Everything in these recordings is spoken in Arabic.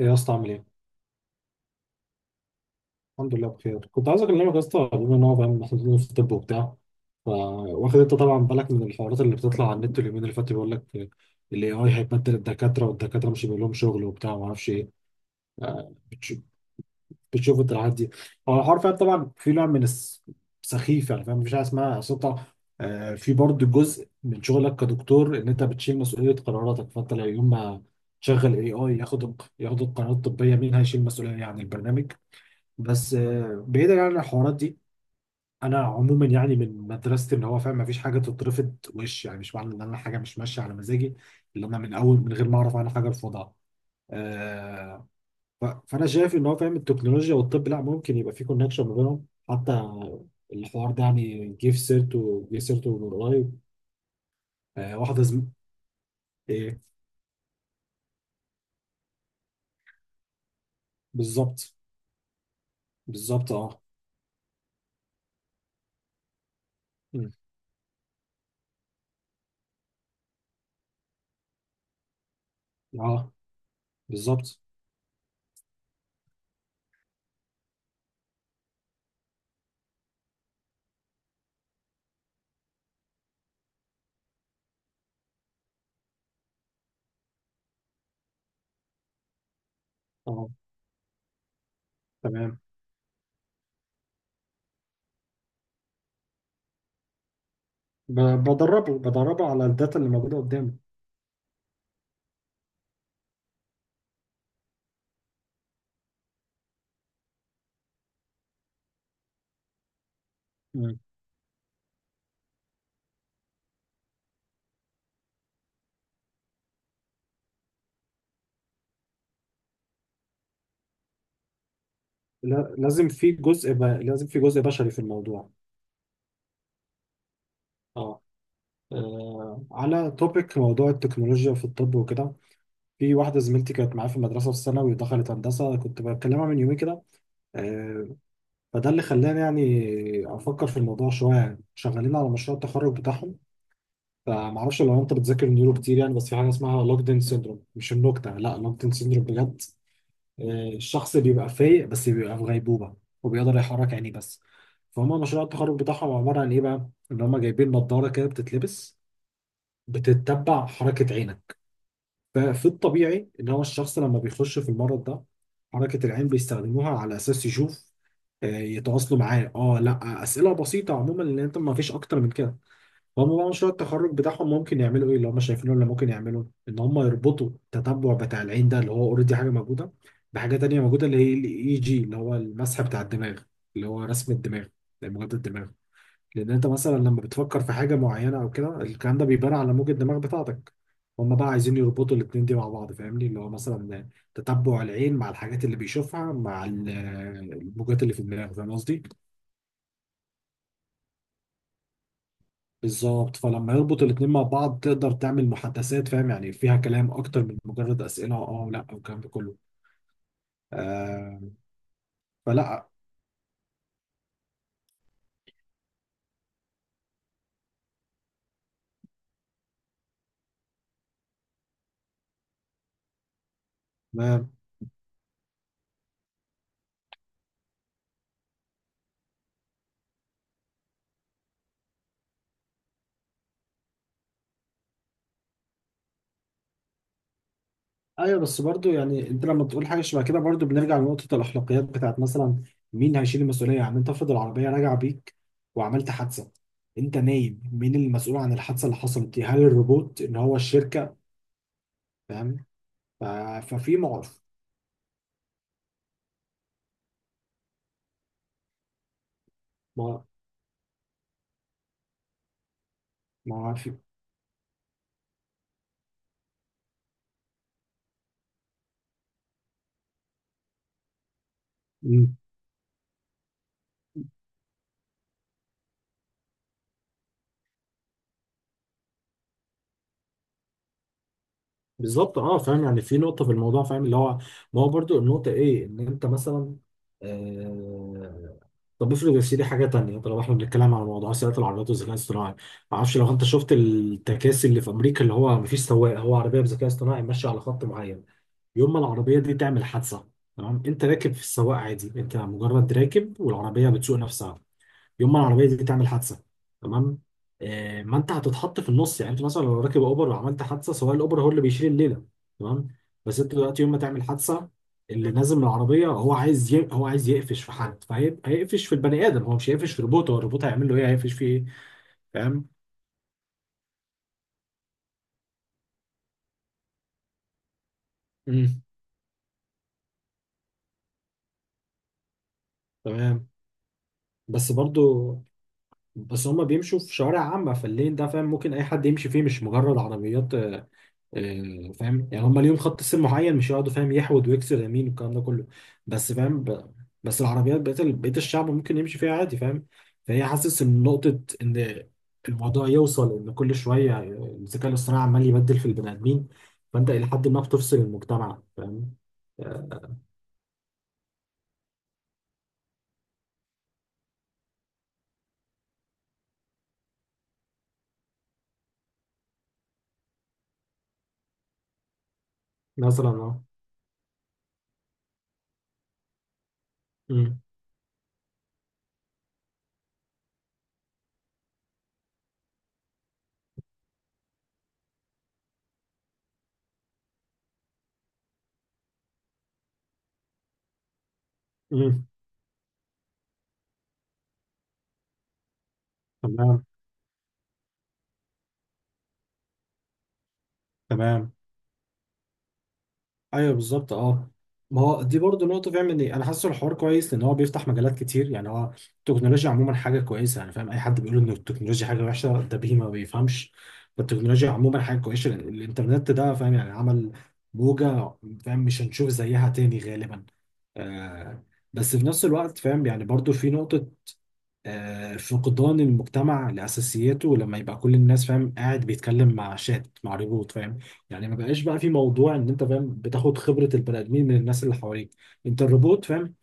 ايه يا اسطى عامل ايه؟ الحمد لله بخير، كنت عايز اكلمك يا اسطى بما ان هو فاهم محطوطين في الطب وبتاع. ف واخد انت طبعا بالك من الحوارات اللي بتطلع على النت اليومين اللي فاتوا، بيقول لك الاي اي هيبدل الدكاتره والدكاتره مش هيبقى لهم شغل وبتاع ما اعرفش ايه. آه، بتش- بتشوف انت الحاجات دي؟ هو الحوار فاهم طبعا في نوع من سخيف، يعني فاهم مفيش حاجه اسمها سلطه. في برضه جزء من شغلك كدكتور ان انت بتشيل مسؤوليه قراراتك، فانت لو يوم ما تشغل اي اي ياخد القرارات الطبيه، مين هيشيل مسؤوليه عن البرنامج؟ بس بعيدا عن الحوارات دي، انا عموما يعني من مدرسه ان هو فاهم مفيش حاجه تترفض، وش يعني مش معنى ان انا حاجه مش ماشيه على مزاجي اللي انا من اول من غير ما اعرف عنها حاجه ارفضها. آه فانا شايف ان هو فاهم التكنولوجيا والطب لا ممكن يبقى في كونكشن ما بينهم حتى. الحوار ده يعني جه في سيرته من قريب. آه واحده زم... ايه. بالظبط. بالظبط اه. مم. اه. بالظبط اه. تمام. بدربه على الداتا اللي موجوده قدامي. لازم في جزء لازم في جزء بشري في الموضوع. اه. على توبيك موضوع التكنولوجيا في الطب وكده، في واحدة زميلتي كانت معايا في المدرسة في الثانوي ودخلت هندسة، كنت بكلمها من يومين كده. آه، فده اللي خلاني يعني أفكر في الموضوع شوية، يعني شغالين على مشروع التخرج بتاعهم. فمعرفش لو أنت بتذاكر نيورو كتير، يعني بس في حاجة اسمها لوكدين سيندروم، مش النكتة، لا لوكدين سيندروم بجد. الشخص بيبقى فايق بس بيبقى في غيبوبة، وبيقدر يحرك عينيه بس. فهم مشروع التخرج بتاعهم عبارة عن إيه بقى؟ إن هم جايبين نظارة كده بتتلبس، بتتبع حركة عينك. ففي الطبيعي إن هو الشخص لما بيخش في المرض ده، حركة العين بيستخدموها على أساس يشوف، يتواصلوا معاه. اه لا، أسئلة بسيطة عموما، لأن أنت ما فيش أكتر من كده. هم بقى مشروع التخرج بتاعهم ممكن يعملوا ايه اللي هم شايفينه اللي ممكن يعملوا، ان هم يربطوا التتبع بتاع العين ده اللي هو اوريدي حاجه موجوده، بحاجه تانية موجوده اللي هي الاي جي اللي هو المسح بتاع الدماغ، اللي هو رسم الدماغ، موجات الدماغ. لان انت مثلا لما بتفكر في حاجه معينه او كده، الكلام ده بيبان على موجة الدماغ بتاعتك. هم بقى عايزين يربطوا الاتنين دي مع بعض فاهمني، اللي هو مثلا تتبع العين مع الحاجات اللي بيشوفها مع الموجات اللي في الدماغ، فاهم قصدي؟ بالظبط، فلما يربط الاتنين مع بعض تقدر تعمل محادثات، فاهم يعني فيها كلام اكتر من مجرد اسئله اه ولا، والكلام ده كله. آه فلا. ما. ايوه. بس برضو يعني انت لما تقول حاجه شبه كده، برضو بنرجع لنقطه الاخلاقيات، بتاعت مثلا مين هيشيل المسؤوليه. يعني انت افرض العربيه راجعه بيك وعملت حادثه، انت نايم، مين المسؤول عن الحادثه اللي حصلت دي؟ هل الروبوت ان هو الشركه؟ فاهم. ف- ففي معرف. ما ما في بالظبط اه، فاهم يعني في نقطة في الموضوع فاهم اللي هو، ما هو برضو النقطة ايه ان انت مثلا. آه طب افرض يا سيدي حاجة تانية، طالما احنا بنتكلم على موضوع سيارة العربيات والذكاء الاصطناعي. ما اعرفش لو انت شفت التكاسي اللي في امريكا اللي هو مفيش سواق، هو عربية بذكاء اصطناعي ماشية على خط معين. يوم ما العربية دي تعمل حادثة. تمام. انت راكب في السواق عادي، انت مجرد راكب والعربية بتسوق نفسها. يوم ما العربيه دي تعمل حادثه. تمام. ما انت هتتحط في النص، يعني انت مثلا لو راكب اوبر وعملت حادثه، سواء الاوبر هو اللي بيشيل الليله. تمام. بس انت دلوقتي يوم ما تعمل حادثه، اللي نازل من العربيه هو عايز هو عايز يقفش في حد، فهيقفش في البني ادم، هو مش هيقفش في روبوت، هو الروبوت هيعمل له ايه، هيقفش فيه ايه؟ فاهم. امم. تمام. بس برضو، بس هما بيمشوا في شوارع عامة، فاللين ده فاهم ممكن أي حد يمشي فيه، مش مجرد عربيات. فاهم يعني هم ليهم خط سير معين، مش يقعدوا فاهم يحود ويكسر يمين والكلام ده كله. بس فاهم بس العربيات بقيت بقيت الشعب ممكن يمشي فيها عادي، فاهم. فهي حاسس ان نقطة ان الموضوع يوصل ان كل شوية الذكاء الاصطناعي عمال يبدل في البني ادمين، فانت الى حد ما بتفصل المجتمع، فاهم. آه، مثلا اه. أمم، أمم، تمام. تمام. ايوه بالظبط اه. ما هو دي برضه نقطة فاهم، ان انا حاسه الحوار كويس لان هو بيفتح مجالات كتير. يعني هو التكنولوجيا عموما حاجة كويسة، يعني فاهم اي حد بيقول ان التكنولوجيا حاجة وحشة ده بيه ما بيفهمش. فالتكنولوجيا عموما حاجة كويسة، لأن الانترنت ده فاهم يعني عمل موجة، فاهم مش هنشوف زيها تاني غالبا. آه بس في نفس الوقت فاهم يعني برضه في نقطة، فقدان المجتمع لأساسياته لما يبقى كل الناس فاهم قاعد بيتكلم مع شات مع ريبوت، فاهم، يعني ما بقاش بقى في موضوع ان انت فاهم بتاخد خبرة البني آدمين من الناس اللي حواليك. انت الروبوت فاهم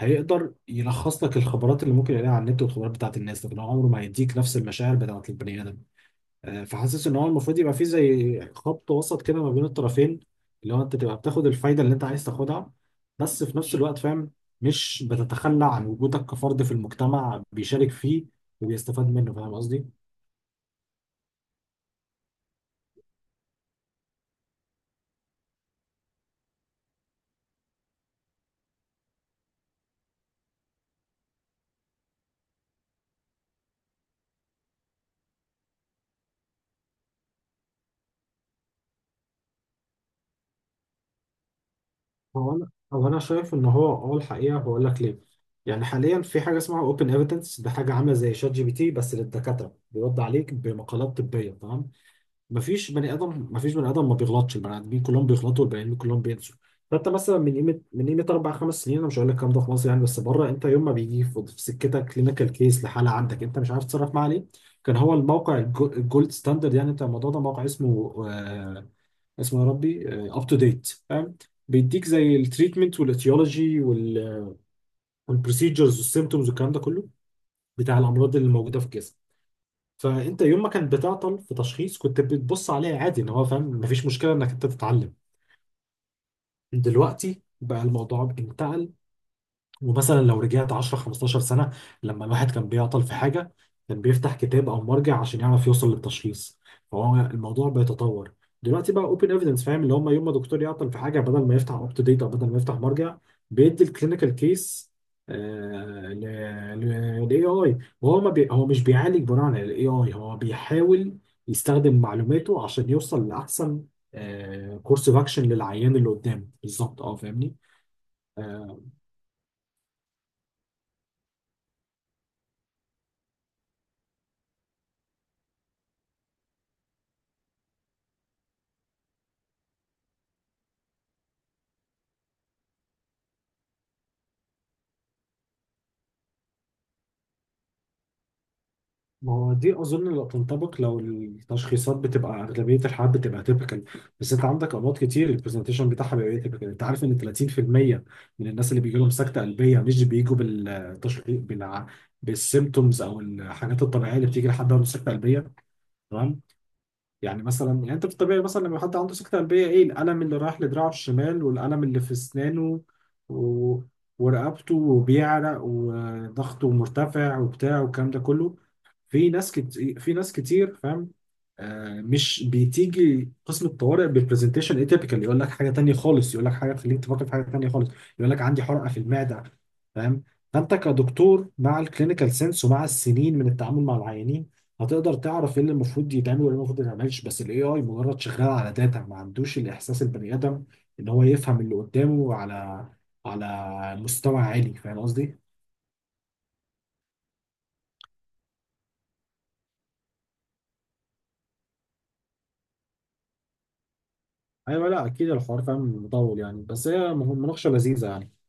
هيقدر يلخص لك الخبرات اللي ممكن يلاقيها على النت والخبرات بتاعت الناس، لكن هو عمره ما هيديك نفس المشاعر بتاعت البني آدم. فحاسس ان هو المفروض يبقى فيه زي خط وسط كده ما بين الطرفين، اللي هو انت تبقى بتاخد الفايده اللي انت عايز تاخدها، بس في نفس الوقت فاهم مش بتتخلى عن وجودك كفرد في المجتمع بيشارك فيه وبيستفاد منه، فاهم قصدي؟ هو انا شايف ان هو، اه، الحقيقه هقول لك ليه. يعني حاليا في حاجه اسمها اوبن ايفيدنس، ده حاجه عامله زي شات جي بي تي بس للدكاتره، بيرد عليك بمقالات طبيه. تمام. مفيش بني ادم ما بيغلطش، البني ادمين كلهم بيغلطوا والبني ادمين كلهم بينسوا. فانت مثلا من قيمه اربع خمس سنين، انا مش هقول لك الكلام ده في مصر يعني بس بره، انت يوم ما بيجي في سكتك كلينيكال كيس لحاله عندك انت مش عارف تتصرف معاه ليه، كان هو الموقع الجولد ستاندرد. يعني انت الموضوع ده موقع اسمه آه اسمه يا ربي اب تو ديت، فاهم، بيديك زي التريتمنت والاتيولوجي والبروسيجرز والسيمتومز والكلام ده كله بتاع الامراض اللي موجوده في الجسم. فانت يوم ما كانت بتعطل في تشخيص، كنت بتبص عليها عادي، ان هو فاهم مفيش مشكله انك انت تتعلم. دلوقتي بقى الموضوع انتقل. ومثلا لو رجعت 10 15 سنة، لما الواحد كان بيعطل في حاجة كان بيفتح كتاب أو مرجع عشان يعرف يوصل للتشخيص. فهو الموضوع بيتطور. دلوقتي بقى اوبن ايفيدنس فاهم، اللي هم يوم ما دكتور يعطل في حاجة بدل ما يفتح اب تو ديت أو بدل ما يفتح مرجع، بيدي الكلينيكال كيس للاي اي، وهو ما بي... هو مش بيعالج بناء على الاي اي، هو بيحاول يستخدم معلوماته عشان يوصل لأحسن كورس اوف اكشن للعيان اللي قدامه، بالظبط اه، فاهمني. آه، ما هو دي اظن لو تنطبق لو التشخيصات بتبقى، اغلبيه الحالات بتبقى تيبيكال، بس انت عندك امراض كتير البرزنتيشن بتاعها بيبقى تيبيكال. انت عارف ان 30% من الناس اللي بيجي لهم سكته قلبيه مش بيجوا بالتشخيص بالسيمتومز او الحاجات الطبيعيه اللي بتيجي لحد عنده سكته قلبيه. تمام. يعني مثلا يعني انت في الطبيعي مثلا لما حد عنده سكتة قلبية، ايه الألم اللي رايح لدراعه الشمال والألم اللي في أسنانه و... ورقبته، وبيعرق وضغطه مرتفع وبتاع والكلام ده كله. في ناس كتير، في ناس كتير فاهم، مش بتيجي قسم الطوارئ ببرزنتيشن اتيبيكال، يقول لك حاجة تانية خالص، يقول لك حاجة تخليك تفكر في حاجة تانية خالص، يقول لك عندي حرقة في المعدة، فاهم. فانت كدكتور مع الكلينيكال سنس ومع السنين من التعامل مع العيانين هتقدر تعرف ايه اللي المفروض يتعمل وايه اللي المفروض ما يتعملش. بس الاي اي مجرد شغال على داتا، ما عندوش الاحساس البني ادم ان هو يفهم اللي قدامه على على مستوى عالي، فاهم قصدي؟ ايوه لا اكيد، الحوار فاهم مطول يعني، بس هي مناقشه لذيذه يعني.